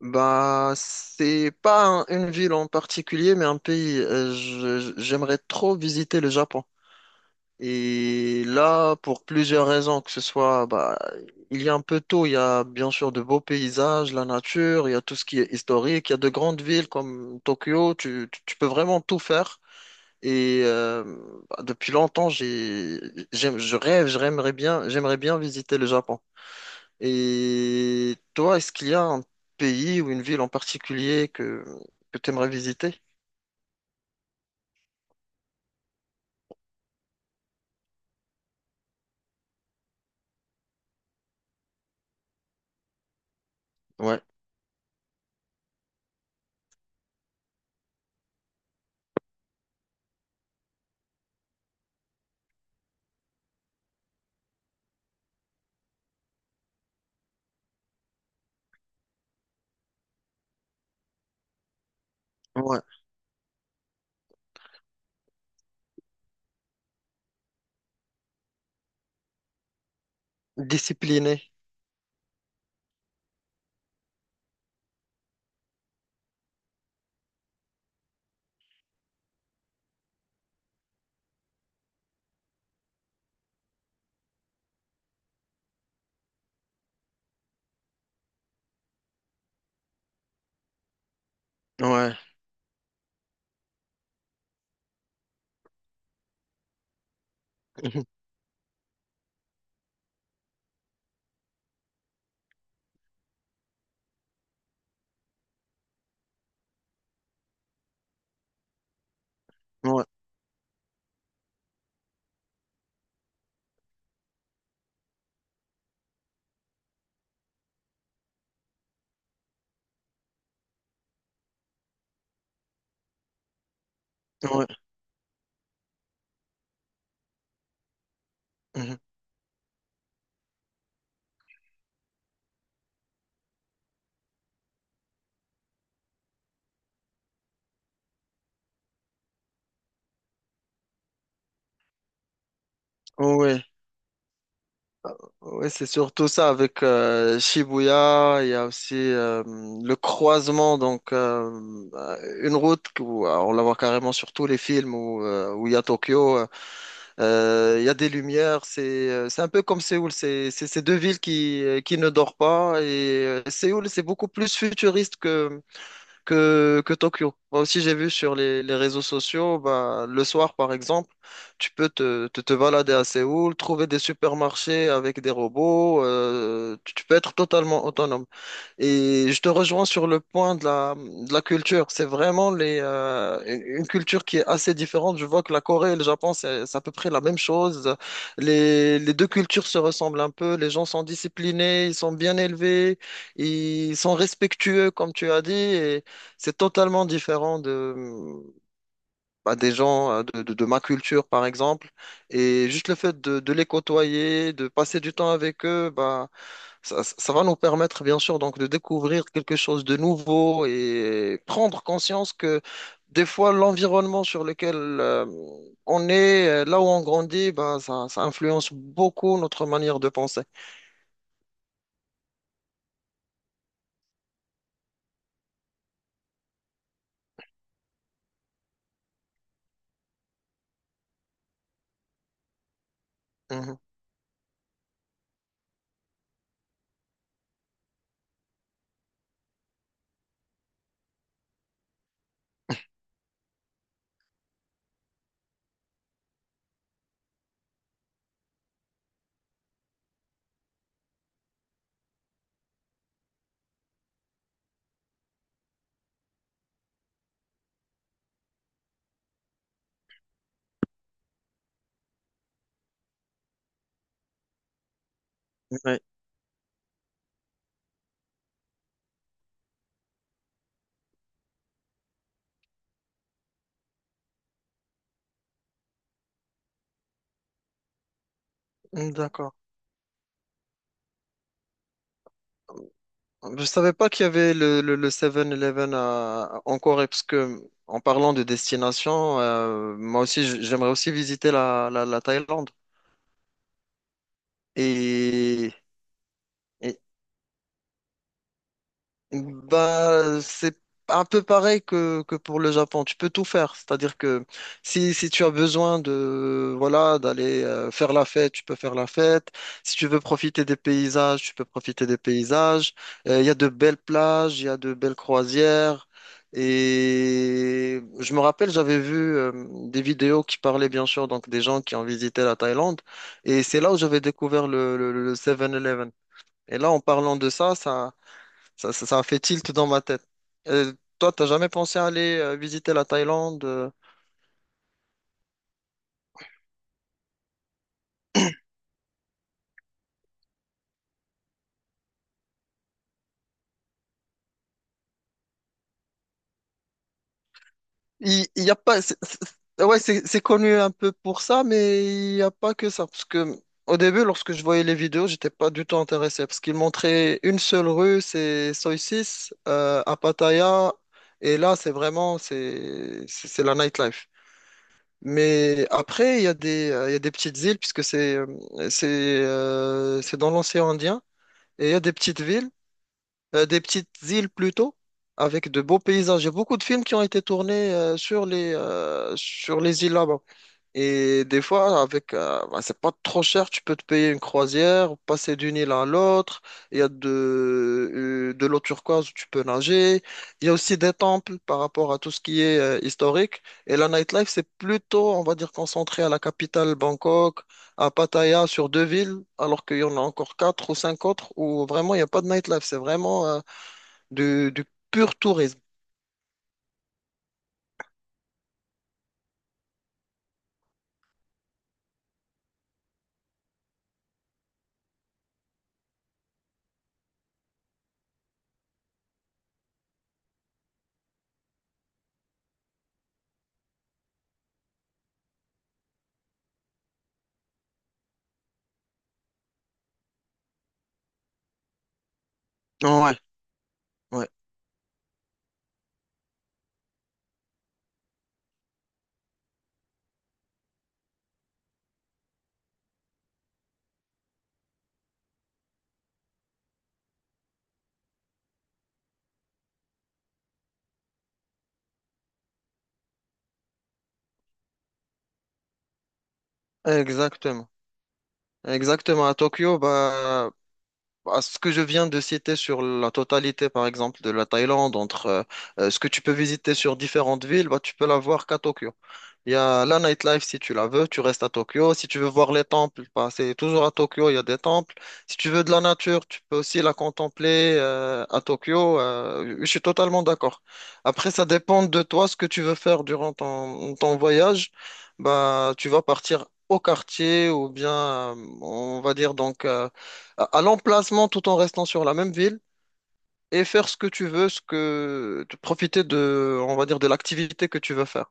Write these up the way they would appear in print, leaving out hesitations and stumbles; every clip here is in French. Bah, c'est pas une ville en particulier, mais un pays. J'aimerais trop visiter le Japon. Et là, pour plusieurs raisons, que ce soit, bah, il y a un peu tout. Il y a bien sûr de beaux paysages, la nature, il y a tout ce qui est historique, il y a de grandes villes comme Tokyo. Tu peux vraiment tout faire. Et bah, depuis longtemps, je rêve, j'aimerais bien visiter le Japon. Et toi, est-ce qu'il y a un pays ou une ville en particulier que tu aimerais visiter? Ouais, ouais. Discipliné. Ouais. Mhm. Ouais, ouais. Mhm. Ouais, ouais, c'est surtout ça avec Shibuya. Il y a aussi le croisement, donc une route on la voit carrément sur tous les films où il y a Tokyo. Il y a des lumières, c'est un peu comme Séoul, c'est ces deux villes qui ne dorment pas. Et Séoul, c'est beaucoup plus futuriste que Tokyo. Moi aussi, j'ai vu sur les réseaux sociaux, bah, le soir par exemple, tu peux te balader à Séoul, trouver des supermarchés avec des robots, tu peux être totalement autonome. Et je te rejoins sur le point de la culture. C'est vraiment les, une culture qui est assez différente. Je vois que la Corée et le Japon, c'est à peu près la même chose. Les deux cultures se ressemblent un peu. Les gens sont disciplinés, ils sont bien élevés, ils sont respectueux, comme tu as dit. Et c'est totalement différent bah, des gens de ma culture, par exemple. Et juste le fait de les côtoyer, de passer du temps avec eux, bah, ça va nous permettre, bien sûr, donc, de découvrir quelque chose de nouveau et prendre conscience que des fois, l'environnement sur lequel on est, là où on grandit, bah, ça influence beaucoup notre manière de penser. Mhm. Ouais. D'accord. Je savais pas qu'il y avait le 7-Eleven en Corée, parce que en parlant de destination, moi aussi j'aimerais aussi visiter la Thaïlande. Et, et Bah, c'est un peu pareil que pour le Japon. Tu peux tout faire. C'est-à-dire que si tu as besoin de, voilà, d'aller faire la fête, tu peux faire la fête. Si tu veux profiter des paysages, tu peux profiter des paysages. Il y a de belles plages, il y a de belles croisières. Et je me rappelle, j'avais vu des vidéos qui parlaient bien sûr donc des gens qui ont visité la Thaïlande. Et c'est là où j'avais découvert le 7-Eleven. Et là, en parlant de ça, ça a fait tilt dans ma tête. Euh, Toi, t'as jamais pensé à aller visiter la Thaïlande? Il y a pas. Ouais, c'est connu un peu pour ça, mais il n'y a pas que ça. Parce que au début, lorsque je voyais les vidéos, j'étais pas du tout intéressé parce qu'ils montraient une seule rue, c'est Soi Six à Pattaya, et là, c'est vraiment c'est la nightlife. Mais après, il y a des il y a des petites îles puisque c'est dans l'océan Indien. Et il y a des petites villes des petites îles plutôt, avec de beaux paysages. Il y a beaucoup de films qui ont été tournés sur les îles là-bas. Et des fois, avec, bah, c'est pas trop cher, tu peux te payer une croisière, passer d'une île à l'autre. Il y a de l'eau turquoise où tu peux nager. Il y a aussi des temples par rapport à tout ce qui est historique. Et la nightlife, c'est plutôt, on va dire, concentré à la capitale Bangkok. À Pattaya sur deux villes, alors qu'il y en a encore quatre ou cinq autres où vraiment il n'y a pas de nightlife. C'est vraiment du pur tourisme. Ouais, ouais, exactement. Exactement. À Tokyo, bah, à ce que je viens de citer sur la totalité, par exemple, de la Thaïlande, entre ce que tu peux visiter sur différentes villes, bah, tu peux l'avoir qu'à Tokyo. Il y a la nightlife si tu la veux, tu restes à Tokyo. Si tu veux voir les temples, bah, c'est toujours à Tokyo, il y a des temples. Si tu veux de la nature, tu peux aussi la contempler à Tokyo. Je suis totalement d'accord. Après, ça dépend de toi ce que tu veux faire durant ton voyage. Bah, tu vas partir au quartier ou bien, on va dire donc, à l'emplacement tout en restant sur la même ville et faire ce que tu veux, ce que, profiter de, on va dire, de l'activité que tu veux faire.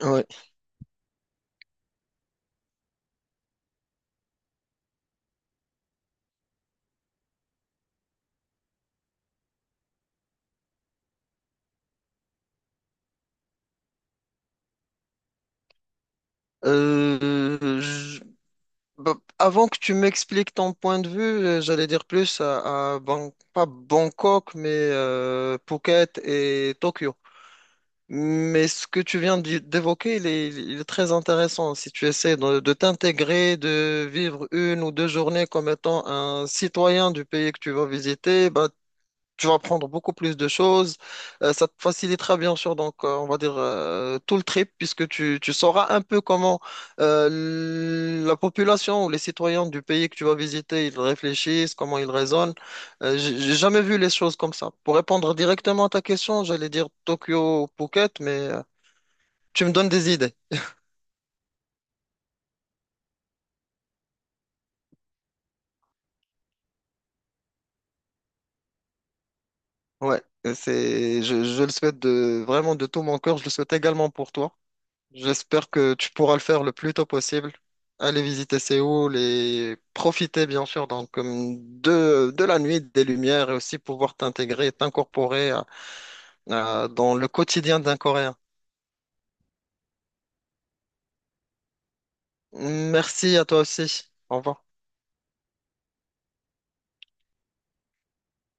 Ouais. Euh, je- Bah, avant que tu m'expliques ton point de vue, j'allais dire plus pas Bangkok, mais Phuket et Tokyo. Mais ce que tu viens d'évoquer, il est très intéressant. Si tu essaies de t'intégrer, de vivre une ou deux journées comme étant un citoyen du pays que tu vas visiter, bah, tu vas apprendre beaucoup plus de choses. Ça te facilitera bien sûr, donc on va dire tout le trip, puisque tu sauras un peu comment la population ou les citoyens du pays que tu vas visiter, ils réfléchissent, comment ils raisonnent. J'ai jamais vu les choses comme ça. Pour répondre directement à ta question, j'allais dire Tokyo ou Phuket, mais tu me donnes des idées. Ouais, je le souhaite de, vraiment de tout mon cœur. Je le souhaite également pour toi. J'espère que tu pourras le faire le plus tôt possible. Aller visiter Séoul et profiter bien sûr donc de la nuit, des lumières et aussi pouvoir t'intégrer, t'incorporer dans le quotidien d'un Coréen. Merci à toi aussi. Au revoir.